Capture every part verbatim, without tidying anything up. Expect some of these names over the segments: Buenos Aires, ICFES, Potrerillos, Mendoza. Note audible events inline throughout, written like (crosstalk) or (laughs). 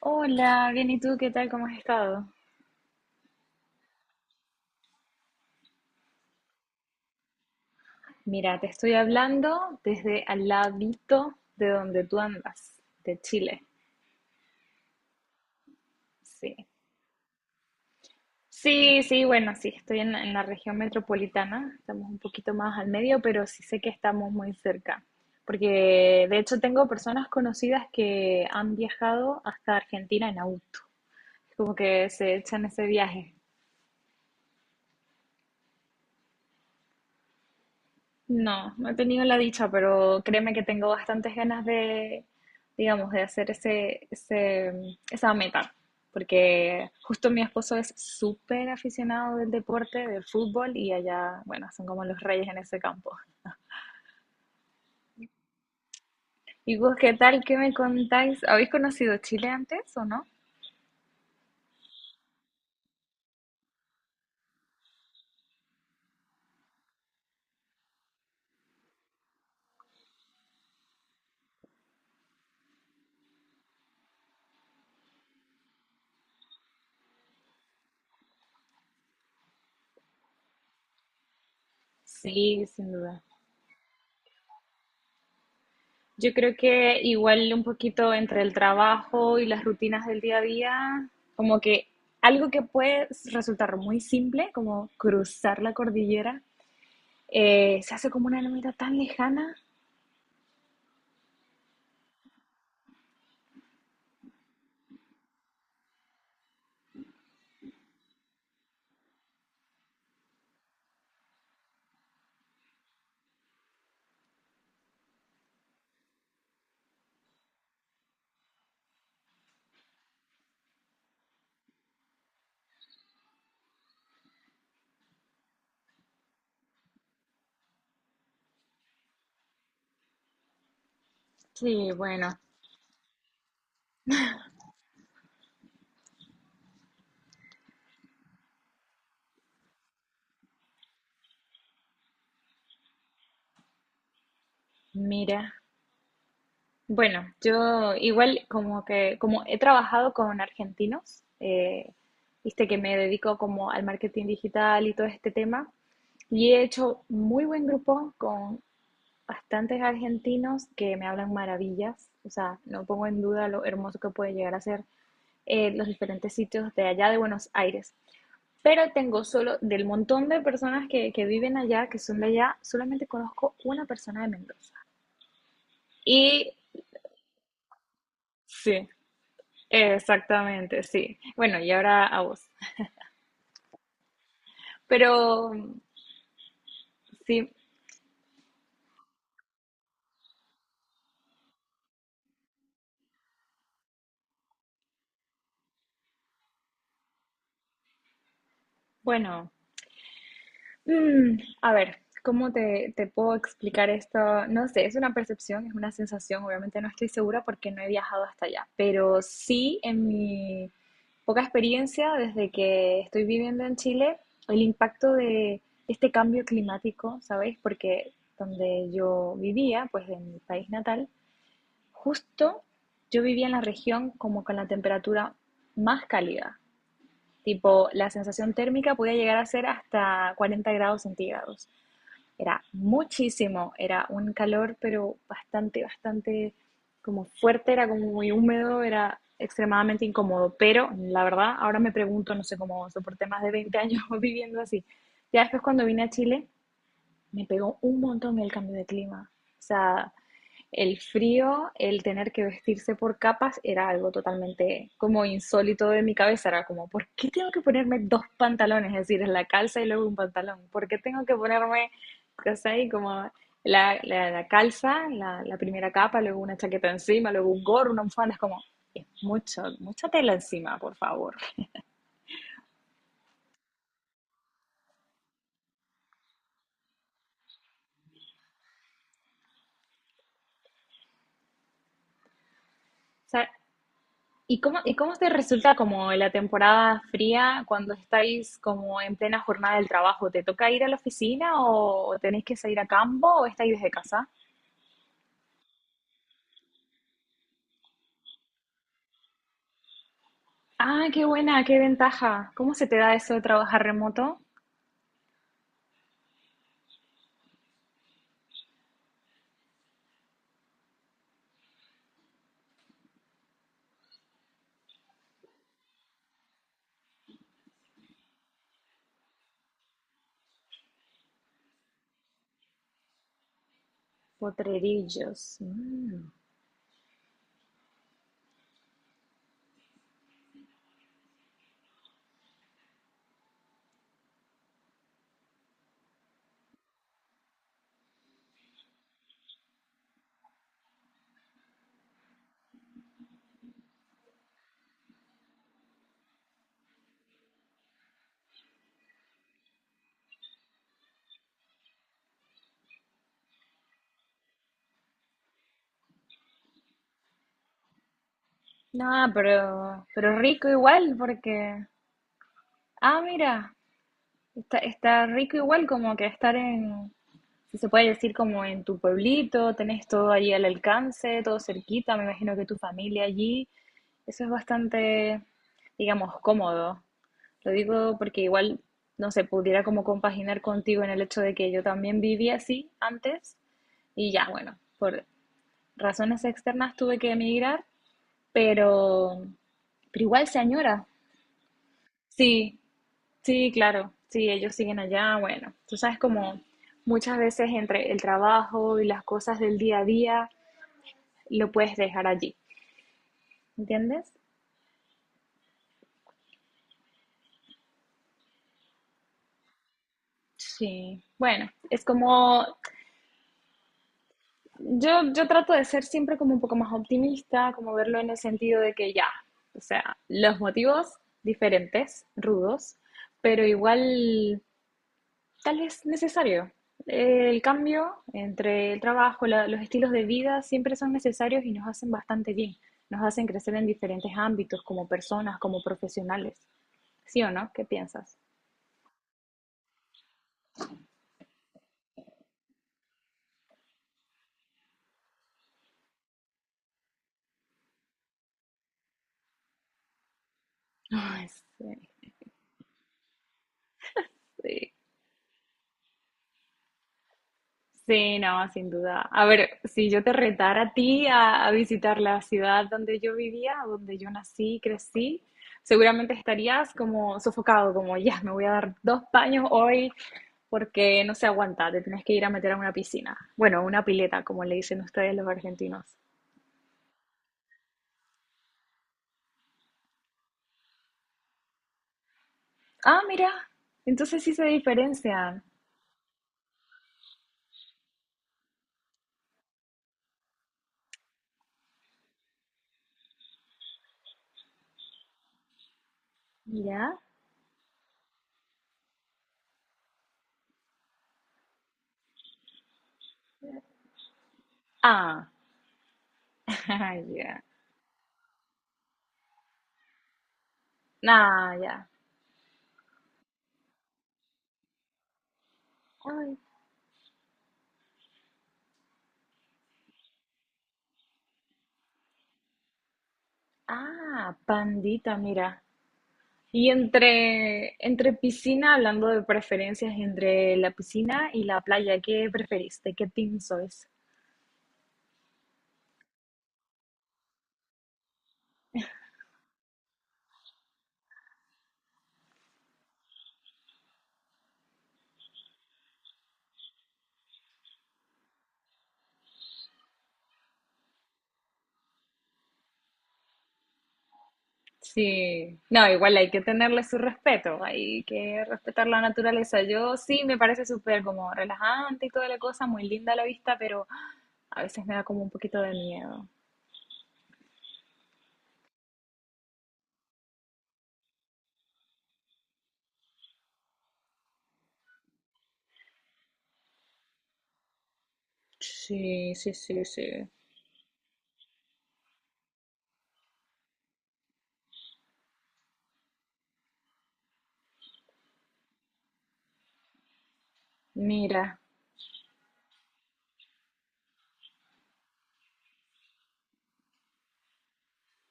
Hola, bien, ¿y tú qué tal? ¿Cómo has estado? Mira, te estoy hablando desde al ladito de donde tú andas, de Chile. Sí. Sí, sí, bueno, sí, estoy en, en la región metropolitana, estamos un poquito más al medio, pero sí sé que estamos muy cerca, porque de hecho tengo personas conocidas que han viajado hasta Argentina en auto, como que se echan ese viaje. No, no he tenido la dicha, pero créeme que tengo bastantes ganas de, digamos, de hacer ese, ese- mm, esa meta, porque justo mi esposo es súper aficionado del deporte, del fútbol, y allá, bueno, son como los reyes en ese campo. ¿Y vos qué tal? ¿Qué me contáis? ¿Habéis conocido Chile antes o no? Sí, sin duda. Yo creo que igual un poquito entre el trabajo y las rutinas del día a día, como que algo que puede resultar muy simple, como cruzar la cordillera, eh, se hace como una meta tan lejana. Sí, bueno, mira. Bueno, yo igual como que, como he trabajado con argentinos, eh, viste que me dedico como al marketing digital y todo este tema, y he hecho muy buen grupo con bastantes argentinos que me hablan maravillas, o sea, no pongo en duda lo hermoso que puede llegar a ser eh, los diferentes sitios de allá de Buenos Aires. Pero tengo solo, del montón de personas que, que viven allá, que son de allá, solamente conozco una persona de Mendoza. Y sí, exactamente, sí. Bueno, y ahora a vos. Pero sí, bueno, mm, a ver, ¿cómo te, te puedo explicar esto? No sé, es una percepción, es una sensación, obviamente no estoy segura porque no he viajado hasta allá, pero sí en mi poca experiencia desde que estoy viviendo en Chile, el impacto de este cambio climático, ¿sabéis? Porque donde yo vivía, pues en mi país natal, justo yo vivía en la región como con la temperatura más cálida. Tipo, la sensación térmica podía llegar a ser hasta cuarenta grados centígrados. Era muchísimo, era un calor, pero bastante, bastante como fuerte, era como muy húmedo, era extremadamente incómodo, pero la verdad, ahora me pregunto, no sé cómo soporté más de veinte años (laughs) viviendo así. Ya después cuando vine a Chile, me pegó un montón el cambio de clima. O sea, el frío, el tener que vestirse por capas era algo totalmente como insólito de mi cabeza. Era como, ¿por qué tengo que ponerme dos pantalones? Es decir, la calza y luego un pantalón. ¿Por qué tengo que ponerme, ¿cachai? Como la, la, la calza, la, la primera capa, luego una chaqueta encima, luego un gorro, una bufanda. Es como, es mucho, mucha tela encima, por favor. O sea, ¿y cómo, y cómo te resulta como la temporada fría cuando estáis como en plena jornada del trabajo? ¿Te toca ir a la oficina o tenéis que salir a campo o estáis desde casa? Ah, qué buena, qué ventaja. ¿Cómo se te da eso de trabajar remoto? Potrerillos. Mm. No, pero, pero rico igual porque... Ah, mira, está, está rico igual como que estar en, si se puede decir, como en tu pueblito, tenés todo allí al alcance, todo cerquita, me imagino que tu familia allí. Eso es bastante, digamos, cómodo. Lo digo porque igual, no sé, pudiera como compaginar contigo en el hecho de que yo también viví así antes y ya, bueno, por razones externas tuve que emigrar, pero, pero igual se añora. Sí, sí, claro, sí, ellos siguen allá, bueno, tú sabes como muchas veces entre el trabajo y las cosas del día a día lo puedes dejar allí, ¿entiendes? Sí, bueno, es como Yo, yo trato de ser siempre como un poco más optimista, como verlo en el sentido de que ya, o sea, los motivos diferentes, rudos, pero igual tal vez necesario. El cambio entre el trabajo, la- los estilos de vida siempre son necesarios y nos hacen bastante bien. Nos hacen crecer en diferentes ámbitos, como personas, como profesionales. ¿Sí o no? ¿Qué piensas? Ay, sí, sí. Sí, no, sin duda. A ver, si yo te retara a ti a, a visitar la ciudad donde yo vivía, donde yo nací y crecí, seguramente estarías como sofocado, como ya, me voy a dar dos baños hoy porque no se aguanta, te tienes que ir a meter a una piscina. Bueno, una pileta, como le dicen ustedes los argentinos. Ah, mira, entonces sí se diferencian. Mira. Ah, (laughs) ya. Nah, ya. Ay, ah, pandita, mira. Y entre, entre piscina, hablando de preferencias entre la piscina y la playa, ¿qué preferís? ¿De qué team sois? Sí, no, igual hay que tenerle su respeto, hay que respetar la naturaleza. Yo sí me parece súper como relajante y toda la cosa, muy linda la vista, pero a veces me da como un poquito de miedo. Sí, sí, sí, sí. Mira,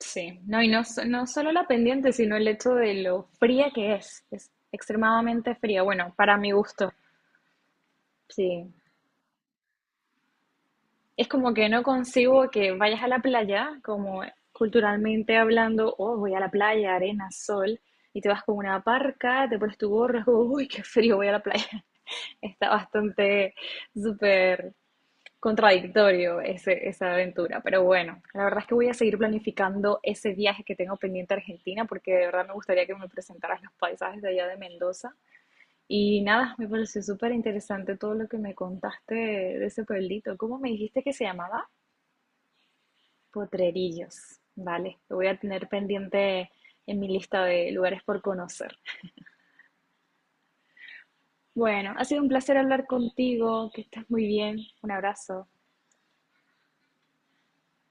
sí, no, y no, so- no solo la pendiente, sino el hecho de lo fría que es, es extremadamente fría, bueno, para mi gusto, sí. Es como que no consigo que vayas a la playa, como culturalmente hablando, oh, voy a la playa, arena, sol, y te vas con una parca, te pones tu gorro, es como, uy, qué frío, voy a la playa. (laughs) Está bastante súper contradictorio ese- esa aventura, pero bueno, la verdad es que voy a seguir planificando ese viaje que tengo pendiente a Argentina, porque de verdad me gustaría que me presentaras los paisajes de allá de Mendoza. Y nada, me pareció súper interesante todo lo que me contaste de ese pueblito. ¿Cómo me dijiste que se llamaba? Potrerillos, vale, lo voy a tener pendiente en mi lista de lugares por conocer. Bueno, ha sido un placer hablar contigo, que estés muy bien, un abrazo.